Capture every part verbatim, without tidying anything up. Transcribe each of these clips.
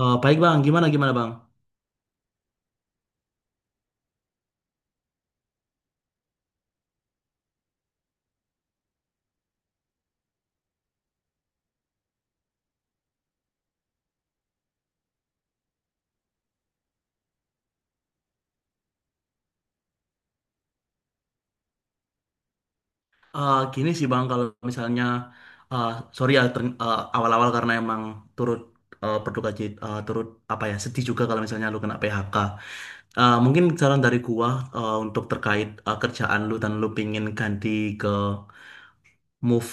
Eh, baik bang, gimana gimana bang? Eh, gini sih bang, kalau misalnya, eh, sorry ya ter- eh, awal-awal karena emang turut eh, berduka cita, eh, turut apa ya sedih juga kalau misalnya lu kena P H K. Eh, mungkin saran dari gua eh, untuk terkait eh, kerjaan lu dan lu pingin ganti ke move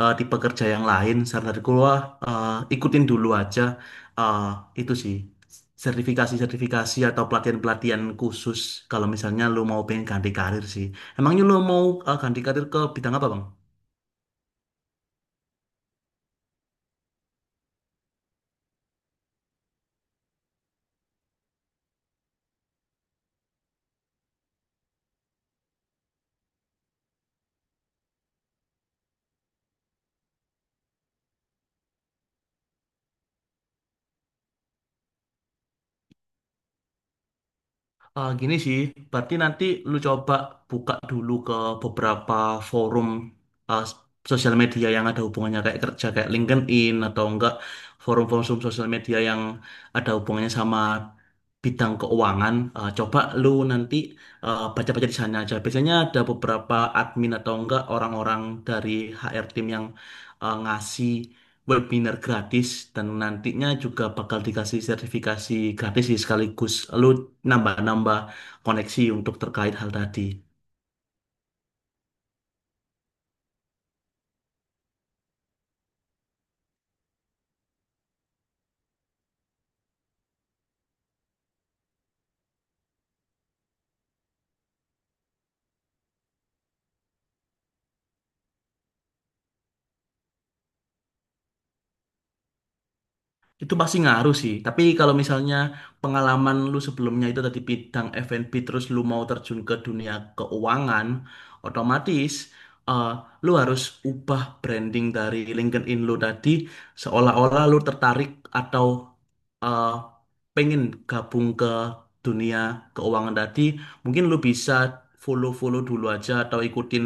eh, tipe kerja yang lain, saran dari gua eh, ikutin dulu aja, eh, itu sih sertifikasi-sertifikasi atau pelatihan-pelatihan khusus kalau misalnya lu mau pengen ganti karir sih. Emangnya lu mau eh, ganti karir ke bidang apa bang? Eh, gini sih, berarti nanti lu coba buka dulu ke beberapa forum, eh, sosial media yang ada hubungannya kayak kerja kayak LinkedIn atau enggak forum-forum sosial media yang ada hubungannya sama bidang keuangan, eh, coba lu nanti eh, baca-baca di sana aja. Biasanya ada beberapa admin atau enggak orang-orang dari H R team yang eh, ngasih webinar gratis dan nantinya juga bakal dikasih sertifikasi gratis sih, sekaligus lu nambah-nambah koneksi untuk terkait hal tadi. Itu pasti ngaruh sih. Tapi kalau misalnya pengalaman lu sebelumnya itu tadi bidang F and B terus lu mau terjun ke dunia keuangan, otomatis eh, lu harus ubah branding dari LinkedIn lu tadi seolah-olah lu tertarik atau eh, pengen gabung ke dunia keuangan tadi. Mungkin lu bisa follow-follow dulu aja atau ikutin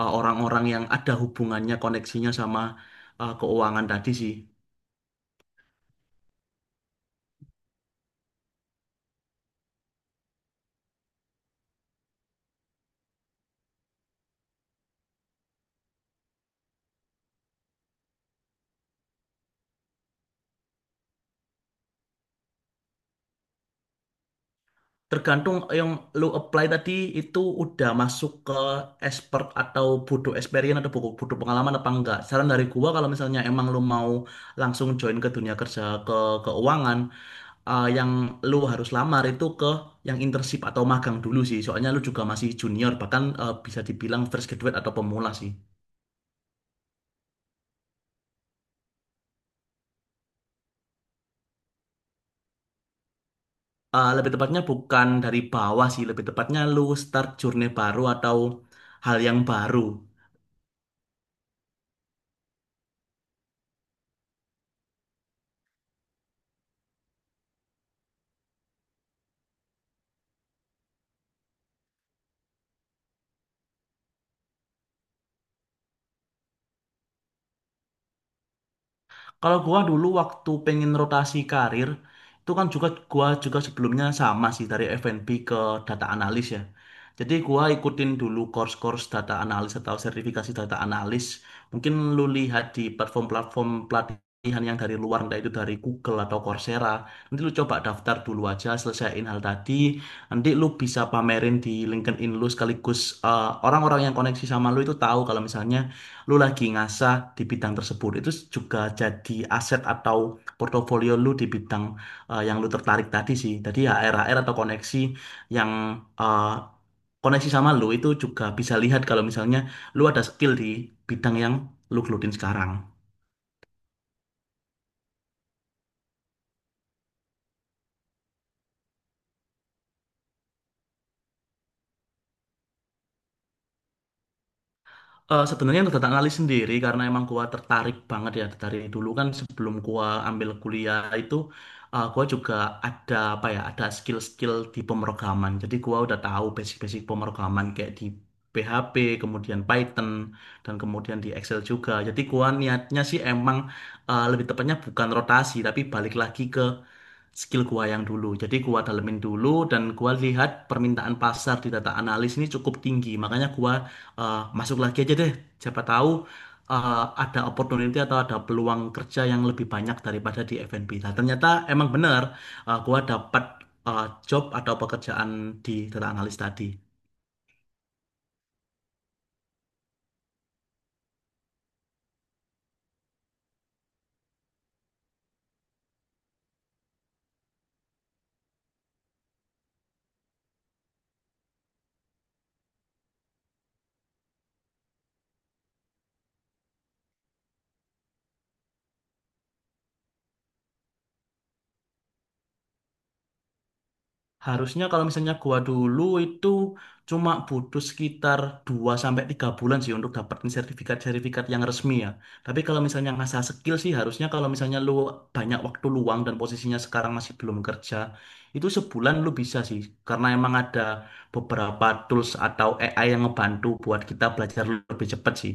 eh, orang-orang yang ada hubungannya koneksinya sama eh, keuangan tadi sih. Tergantung yang lu apply tadi itu udah masuk ke expert atau butuh experience atau buku- butuh pengalaman apa enggak. Saran dari gua kalau misalnya emang lu mau langsung join ke dunia kerja ke keuangan, eh, yang lu harus lamar itu ke yang internship atau magang dulu sih. Soalnya lu juga masih junior, bahkan eh, bisa dibilang fresh graduate atau pemula sih. Eh, lebih tepatnya bukan dari bawah sih, lebih tepatnya lu start journey baru atau hal yang baru. Kalau gua dulu waktu pengen rotasi karir, itu kan juga gua juga sebelumnya sama sih, dari F and B ke data analis ya. Jadi gua ikutin dulu course-course data analis atau sertifikasi data analis. Mungkin lu lihat di platform-platform pelatihan yang dari luar, entah itu dari Google atau Coursera. Nanti lu coba daftar dulu aja, selesaiin hal tadi. Nanti lu bisa pamerin di LinkedIn lu, sekaligus eh, orang-orang yang koneksi sama lu itu tahu kalau misalnya lu lagi ngasah di bidang tersebut. Itu juga jadi aset atau portofolio lu di bidang eh, yang lu tertarik tadi sih. Tadi hr r atau koneksi yang eh, koneksi sama lu itu juga bisa lihat kalau misalnya lu ada skill di bidang yang lu gelutin sekarang. Eh, sebenarnya untuk data analis sendiri, karena emang gua tertarik banget ya dari dulu, kan sebelum gua ambil kuliah itu eh, gua juga ada apa ya ada skill-skill di pemrograman, jadi gua udah tahu basic-basic pemrograman kayak di P H P, kemudian Python, dan kemudian di Excel juga. Jadi gua niatnya sih emang eh, lebih tepatnya bukan rotasi tapi balik lagi ke skill gua yang dulu. Jadi gua dalemin dulu dan gua lihat permintaan pasar di data analis ini cukup tinggi. Makanya gua eh, masuk lagi aja deh. Siapa tahu eh, ada opportunity atau ada peluang kerja yang lebih banyak daripada di F and B. Nah, ternyata emang benar, eh, gua dapat eh, job atau pekerjaan di data analis tadi. Harusnya kalau misalnya gua dulu itu cuma butuh sekitar dua sampai tiga bulan sih untuk dapetin sertifikat-sertifikat yang resmi ya. Tapi kalau misalnya ngasah skill sih, harusnya kalau misalnya lu banyak waktu luang dan posisinya sekarang masih belum kerja, itu sebulan lu bisa sih karena emang ada beberapa tools atau A I yang ngebantu buat kita belajar lebih cepat sih.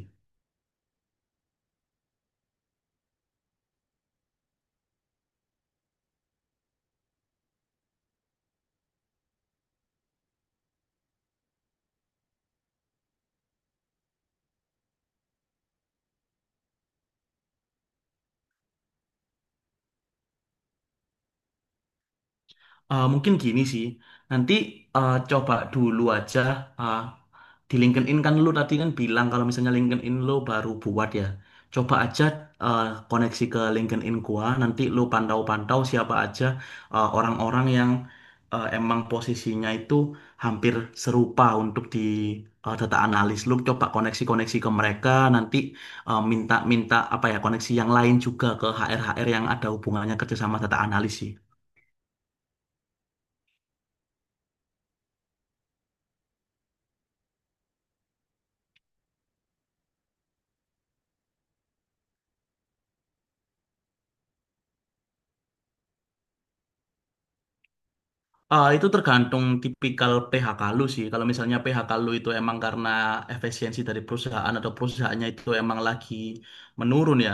Eh, mungkin gini sih, nanti eh, coba dulu aja, eh, di LinkedIn kan lu tadi kan bilang kalau misalnya LinkedIn lu baru buat ya, coba aja eh, koneksi ke LinkedIn gua, nanti lu pantau-pantau siapa aja eh, orang-orang yang eh, emang posisinya itu hampir serupa untuk di eh, data analis, lu coba koneksi-koneksi ke mereka, nanti eh, minta-minta apa ya koneksi yang lain juga ke H R-H R yang ada hubungannya kerja sama data analis sih. Ah, itu tergantung tipikal P H K lu sih. Kalau misalnya P H K lu itu emang karena efisiensi dari perusahaan atau perusahaannya itu emang lagi menurun ya,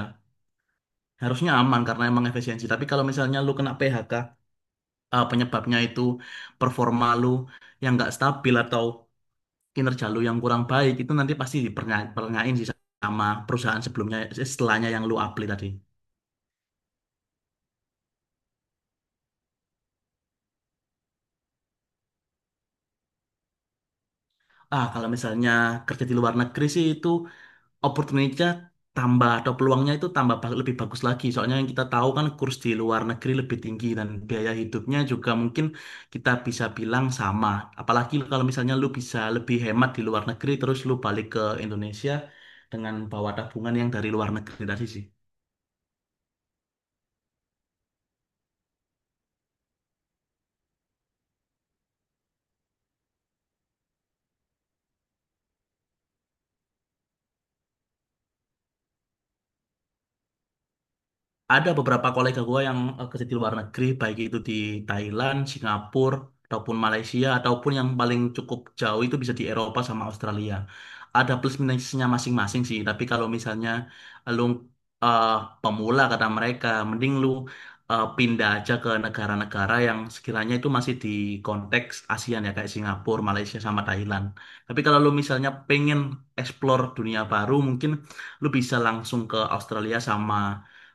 harusnya aman karena emang efisiensi. Tapi kalau misalnya lu kena P H K, ah, penyebabnya itu performa lu yang nggak stabil atau kinerja lu yang kurang baik, itu nanti pasti dipernyain sih sama perusahaan sebelumnya, setelahnya yang lu apply tadi. Ah, kalau misalnya kerja di luar negeri sih itu opportunity-nya tambah atau peluangnya itu tambah ba- lebih bagus lagi. Soalnya yang kita tahu kan kurs di luar negeri lebih tinggi dan biaya hidupnya juga mungkin kita bisa bilang sama. Apalagi kalau misalnya lu bisa lebih hemat di luar negeri terus lu balik ke Indonesia dengan bawa tabungan yang dari luar negeri tadi sih. Ada beberapa kolega gue yang eh, kerja di luar negeri, baik itu di Thailand, Singapura, ataupun Malaysia, ataupun yang paling cukup jauh itu bisa di Eropa sama Australia. Ada plus minusnya masing-masing sih, tapi kalau misalnya lu eh, pemula, kata mereka, mending lu eh, pindah aja ke negara-negara yang sekiranya itu masih di konteks ASEAN ya, kayak Singapura, Malaysia, sama Thailand. Tapi kalau lu misalnya pengen explore dunia baru, mungkin lu bisa langsung ke Australia sama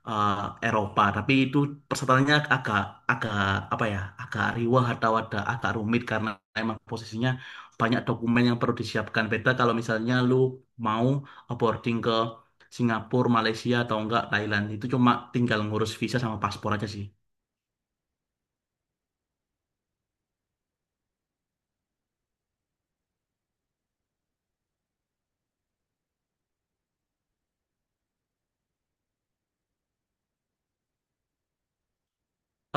eh, Eropa, tapi itu persyaratannya agak agak apa ya, agak riwah atau ada agak rumit karena emang posisinya banyak dokumen yang perlu disiapkan. Beda kalau misalnya lu mau boarding ke Singapura, Malaysia atau enggak Thailand, itu cuma tinggal ngurus visa sama paspor aja sih.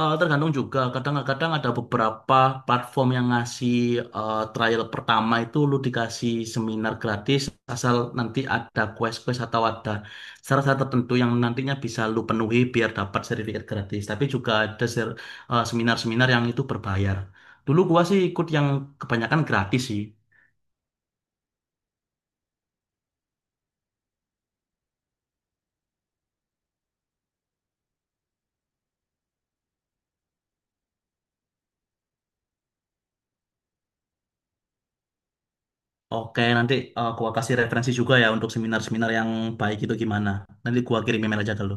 Eh, tergantung juga, kadang-kadang ada beberapa platform yang ngasih eh, trial pertama itu lu dikasih seminar gratis asal nanti ada quest-quest atau ada syarat-syarat tertentu yang nantinya bisa lu penuhi biar dapat sertifikat gratis. Tapi juga ada ser- eh, seminar-seminar yang itu berbayar. Dulu gua sih ikut yang kebanyakan gratis sih. Oke, nanti eh, gua kasih referensi juga ya untuk seminar-seminar yang baik itu gimana. Nanti gua kirim email aja ke lu.